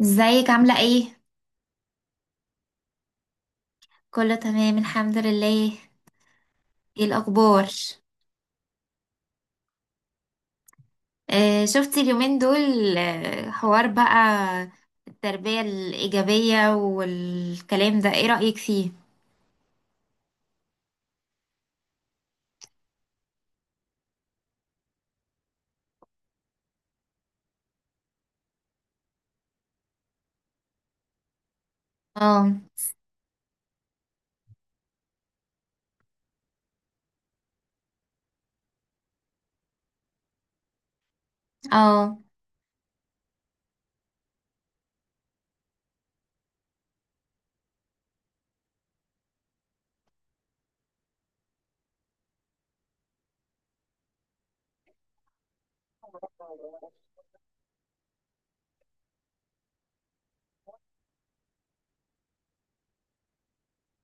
ازيك عاملة ايه؟ كله تمام الحمد لله. ايه الأخبار؟ آه شفتي اليومين دول، حوار بقى، التربية الإيجابية والكلام ده ايه رأيك فيه؟ اه. اه،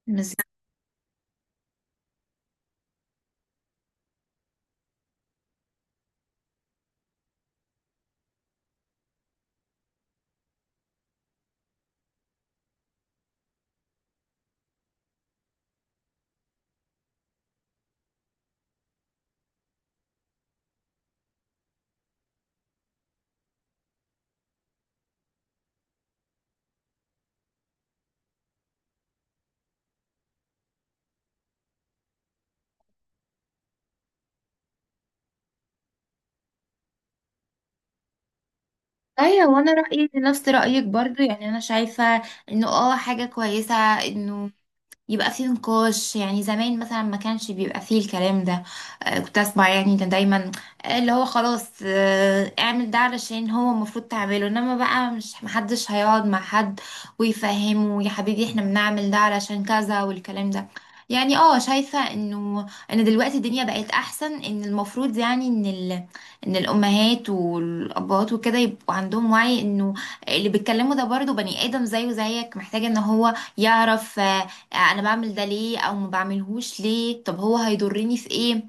بس ايوه، وانا رأيي نفس رأيك برضو، يعني انا شايفة انه حاجة كويسة، انه يبقى فيه نقاش. يعني زمان مثلا ما كانش بيبقى فيه الكلام ده، كنت اسمع يعني، كان دايما اللي هو خلاص اعمل ده علشان هو المفروض تعمله، انما بقى مش محدش هيقعد مع حد ويفهمه يا حبيبي احنا بنعمل ده علشان كذا والكلام ده. يعني اه شايفة انه ان دلوقتي الدنيا بقت احسن، ان المفروض يعني ان ان الامهات والابهات وكده يبقوا عندهم وعي انه اللي بيتكلموا ده برضه بني ادم زيه زيك، محتاج ان هو يعرف انا بعمل ده ليه او ما بعملهوش ليه، طب هو هيضرني في ايه.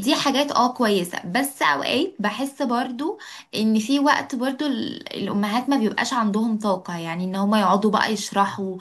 دي حاجات اه كويسة، بس اوقات بحس برضو ان في وقت برضو الامهات ما بيبقاش عندهم طاقة يعني ان هما يقعدوا بقى يشرحوا،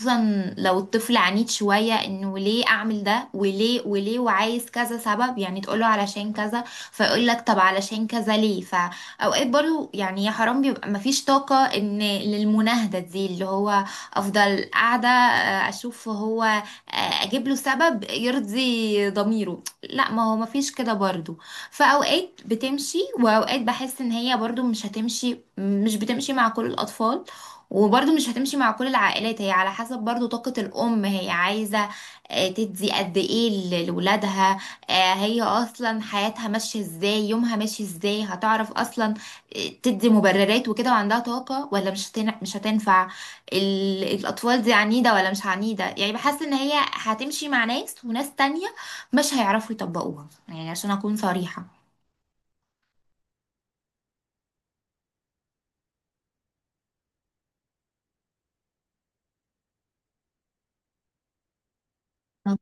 خصوصا لو الطفل عنيد شوية، انه ليه اعمل ده وليه وليه، وعايز كذا سبب يعني تقوله علشان كذا، فيقول لك طب علشان كذا ليه. فاوقات برضو يعني يا حرام بيبقى ما فيش طاقة ان للمناهدة دي اللي هو افضل قاعدة اشوف هو اجيب له سبب يرضي ضميره، لا ما هو مفيش كده برضو. فأوقات بتمشي وأوقات بحس إن هي برضو مش هتمشي، مش بتمشي مع كل الأطفال، وبرضو مش هتمشي مع كل العائلات، هي على حسب برضو طاقة الأم، هي عايزة تدي قد إيه لولادها، هي أصلا حياتها ماشية إزاي، يومها ماشي إزاي، هتعرف أصلا تدي مبررات وكده وعندها طاقة ولا مش هتنفع. الأطفال دي عنيدة ولا مش عنيدة، يعني بحس إن هي هتمشي مع ناس وناس تانية مش هيعرفوا يطبقوها، يعني عشان أكون صريحة. طب.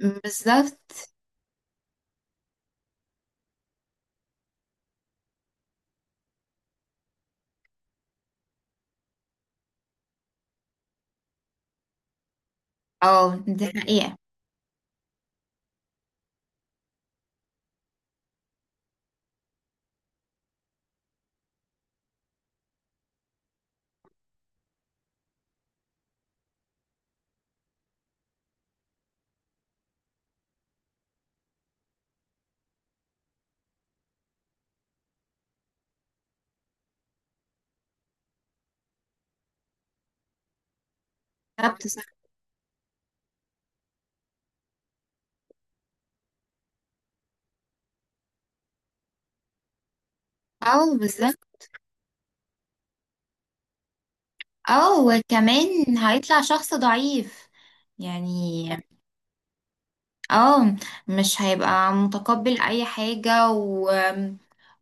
بالظبط. اه دي حقيقة. كتبت صح. اه بالظبط. اه وكمان هيطلع شخص ضعيف يعني. اه مش هيبقى متقبل اي حاجة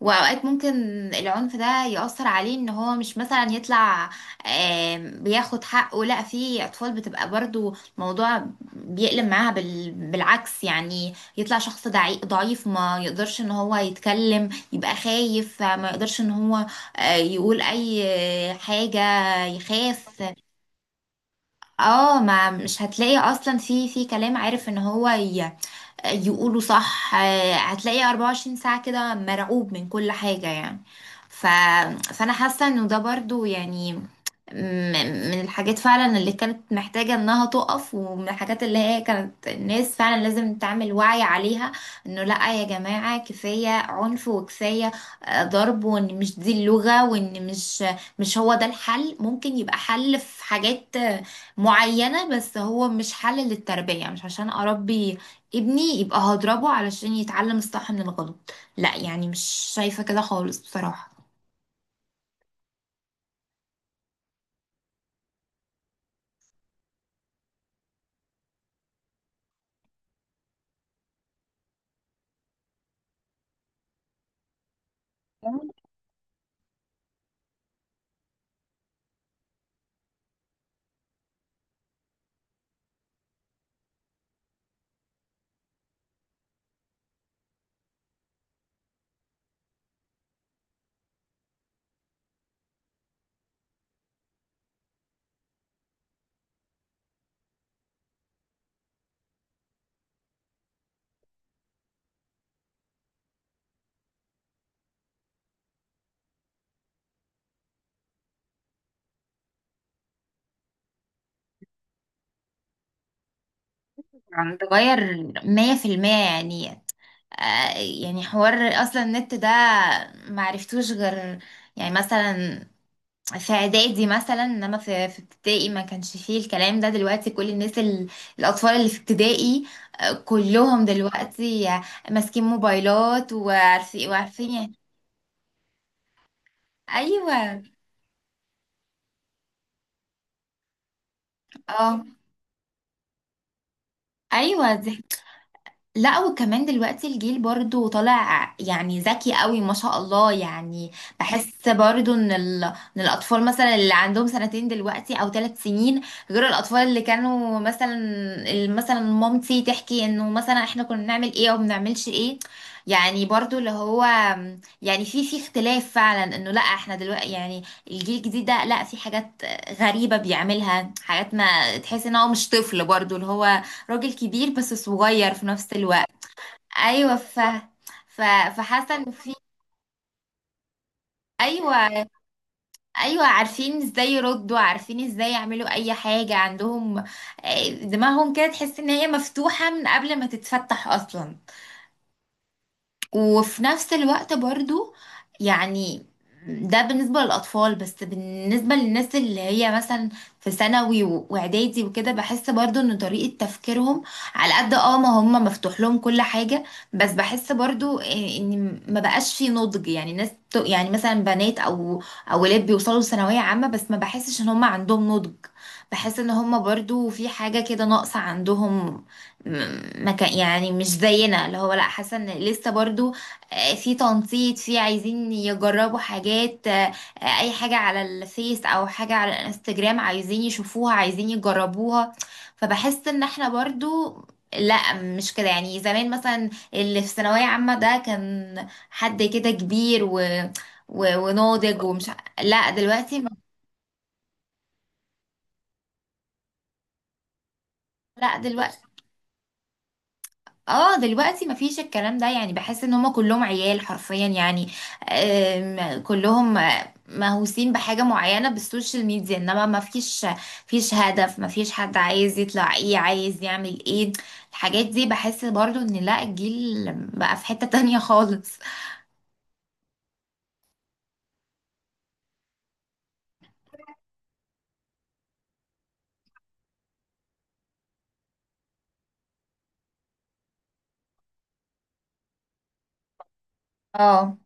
واوقات ممكن العنف ده يأثر عليه ان هو مش مثلا يطلع، بياخد حقه، لا في اطفال بتبقى برضو موضوع بيقلب معاها بالعكس، يعني يطلع شخص ضعيف، ما يقدرش ان هو يتكلم، يبقى خايف ما يقدرش ان هو يقول اي حاجة، يخاف. اه ما مش هتلاقي اصلا في كلام، عارف ان هو يقولوا صح. هتلاقي 24 ساعة كده مرعوب من كل حاجة، يعني ف... فأنا حاسة إنه ده برضو يعني من الحاجات فعلا اللي كانت محتاجة انها تقف، ومن الحاجات اللي هي كانت الناس فعلا لازم تعمل وعي عليها، انه لا يا جماعة كفاية عنف وكفاية ضرب، وان مش دي اللغة، وان مش هو ده الحل. ممكن يبقى حل في حاجات معينة، بس هو مش حل للتربية. مش عشان اربي ابني يبقى هضربه علشان يتعلم الصح من الغلط، لا، يعني مش شايفة كده خالص بصراحة. يعني تغير مية في المية يعني. يعني حوار، اصلا النت ده معرفتوش غير يعني مثلا في اعدادي، مثلا انما في ابتدائي ما كانش فيه الكلام ده. دلوقتي كل الناس الاطفال اللي في ابتدائي كلهم دلوقتي ماسكين موبايلات، وعارفين يعني. ايوه. اه. ايوه دي لا. وكمان دلوقتي الجيل برضو طالع يعني ذكي قوي ما شاء الله يعني. بحس برضو ان ان الاطفال مثلا اللي عندهم سنتين دلوقتي او ثلاث سنين، غير الاطفال اللي كانوا مثلا مثلا مامتي تحكي انه مثلا احنا كنا بنعمل ايه او بنعملش ايه. يعني برضو اللي هو يعني في اختلاف فعلا، انه لا احنا دلوقتي يعني الجيل الجديد ده، لا في حاجات غريبة بيعملها، حاجات ما تحس ان هو مش طفل برضو، اللي هو راجل كبير بس صغير في نفس الوقت. ايوه ف فحاسه ان في، ايوه ايوه، عارفين ازاي يردوا، عارفين ازاي يعملوا اي حاجه عندهم دماغهم كده، تحس ان هي مفتوحه من قبل ما تتفتح اصلا. وفي نفس الوقت برضو يعني ده بالنسبة للأطفال. بس بالنسبة للناس اللي هي مثلا في ثانوي وإعدادي وكده، بحس برضو إن طريقة تفكيرهم على قد اه ما هم، مفتوح لهم كل حاجة، بس بحس برضو إيه إن ما بقاش في نضج. يعني ناس يعني مثلا بنات أو ولاد بيوصلوا لثانوية عامة، بس ما بحسش إن هم عندهم نضج، بحس إن هم برضو في حاجة كده ناقصة عندهم، ما كان يعني مش زينا اللي هو، لا حاسه ان لسه برضو في تنطيط، في عايزين يجربوا حاجات اي حاجه على الفيس او حاجه على الانستجرام عايزين يشوفوها عايزين يجربوها. فبحس ان احنا برضو لا مش كده. يعني زمان مثلا اللي في ثانويه عامه ده كان حد كده كبير وناضج ومش لا دلوقتي، لا دلوقتي اه دلوقتي مفيش الكلام ده. يعني بحس ان هما كلهم عيال حرفيا، يعني كلهم مهووسين بحاجة معينة بالسوشيال ميديا، انما مفيش هدف، مفيش حد عايز يطلع ايه، عايز يعمل ايه. الحاجات دي بحس برضو ان لا، الجيل بقى في حتة تانية خالص. اه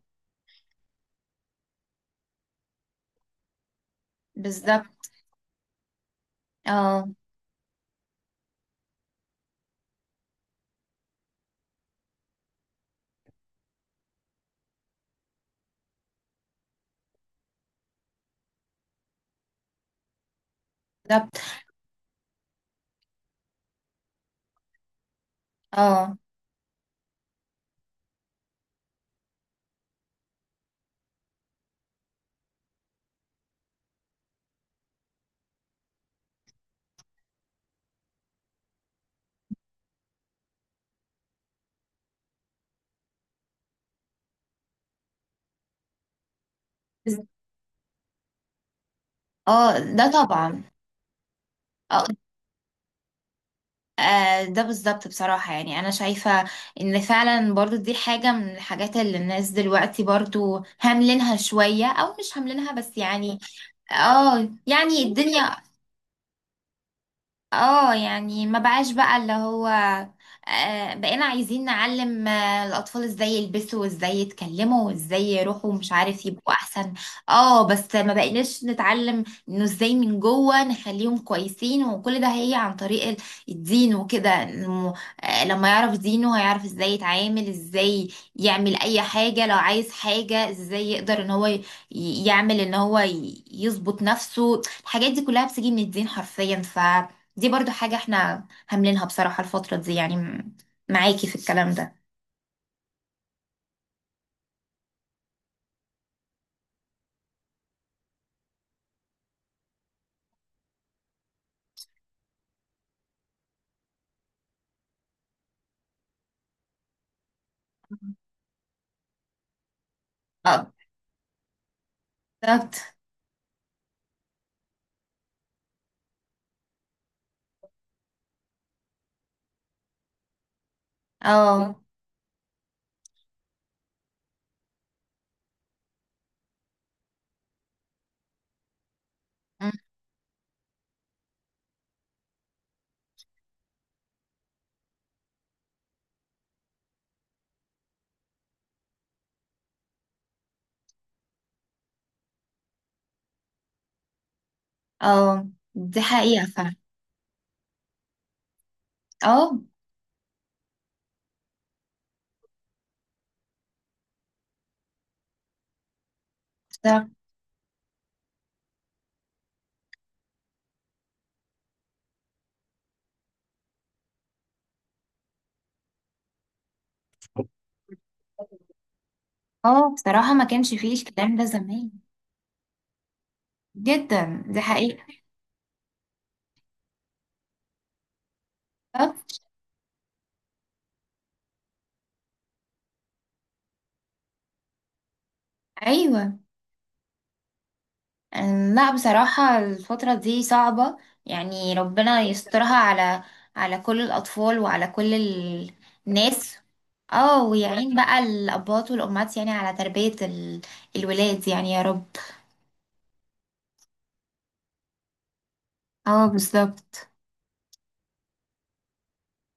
بالظبط. اه بالظبط. اه بز- اه ده طبعا. اه ده بالظبط بصراحة. يعني أنا شايفة إن فعلا برضو دي حاجة من الحاجات اللي الناس دلوقتي برضو هاملينها شوية، أو مش هاملينها بس يعني. اه يعني الدنيا، اه يعني ما بقاش بقى اللي هو بقينا عايزين نعلم الأطفال ازاي يلبسوا وازاي يتكلموا وازاي يروحوا مش عارف، يبقوا أحسن. اه بس ما بقيناش نتعلم انه ازاي من جوه نخليهم كويسين، وكل ده هي عن طريق الدين وكده. إنه لما يعرف دينه هيعرف ازاي يتعامل، ازاي يعمل أي حاجة، لو عايز حاجة ازاي يقدر ان هو يعمل، ان هو يظبط نفسه. الحاجات دي كلها بتيجي من الدين حرفيا. ف دي برضو حاجة احنا هاملينها بصراحة الفترة دي، يعني معاكي في الكلام ده. اه بالظبط. اه م- اه دي حقيقة فعلا. اه بصراحة. اه بصراحة ما كانش فيه الكلام ده زمان. جدا دي حقيقة. بالظبط. ايوه لا بصراحة الفترة دي صعبة، يعني ربنا يسترها على على كل الأطفال وعلى كل الناس، اه ويعين بقى الأباء والأمهات يعني على تربية الولاد يعني يا رب. اه بالظبط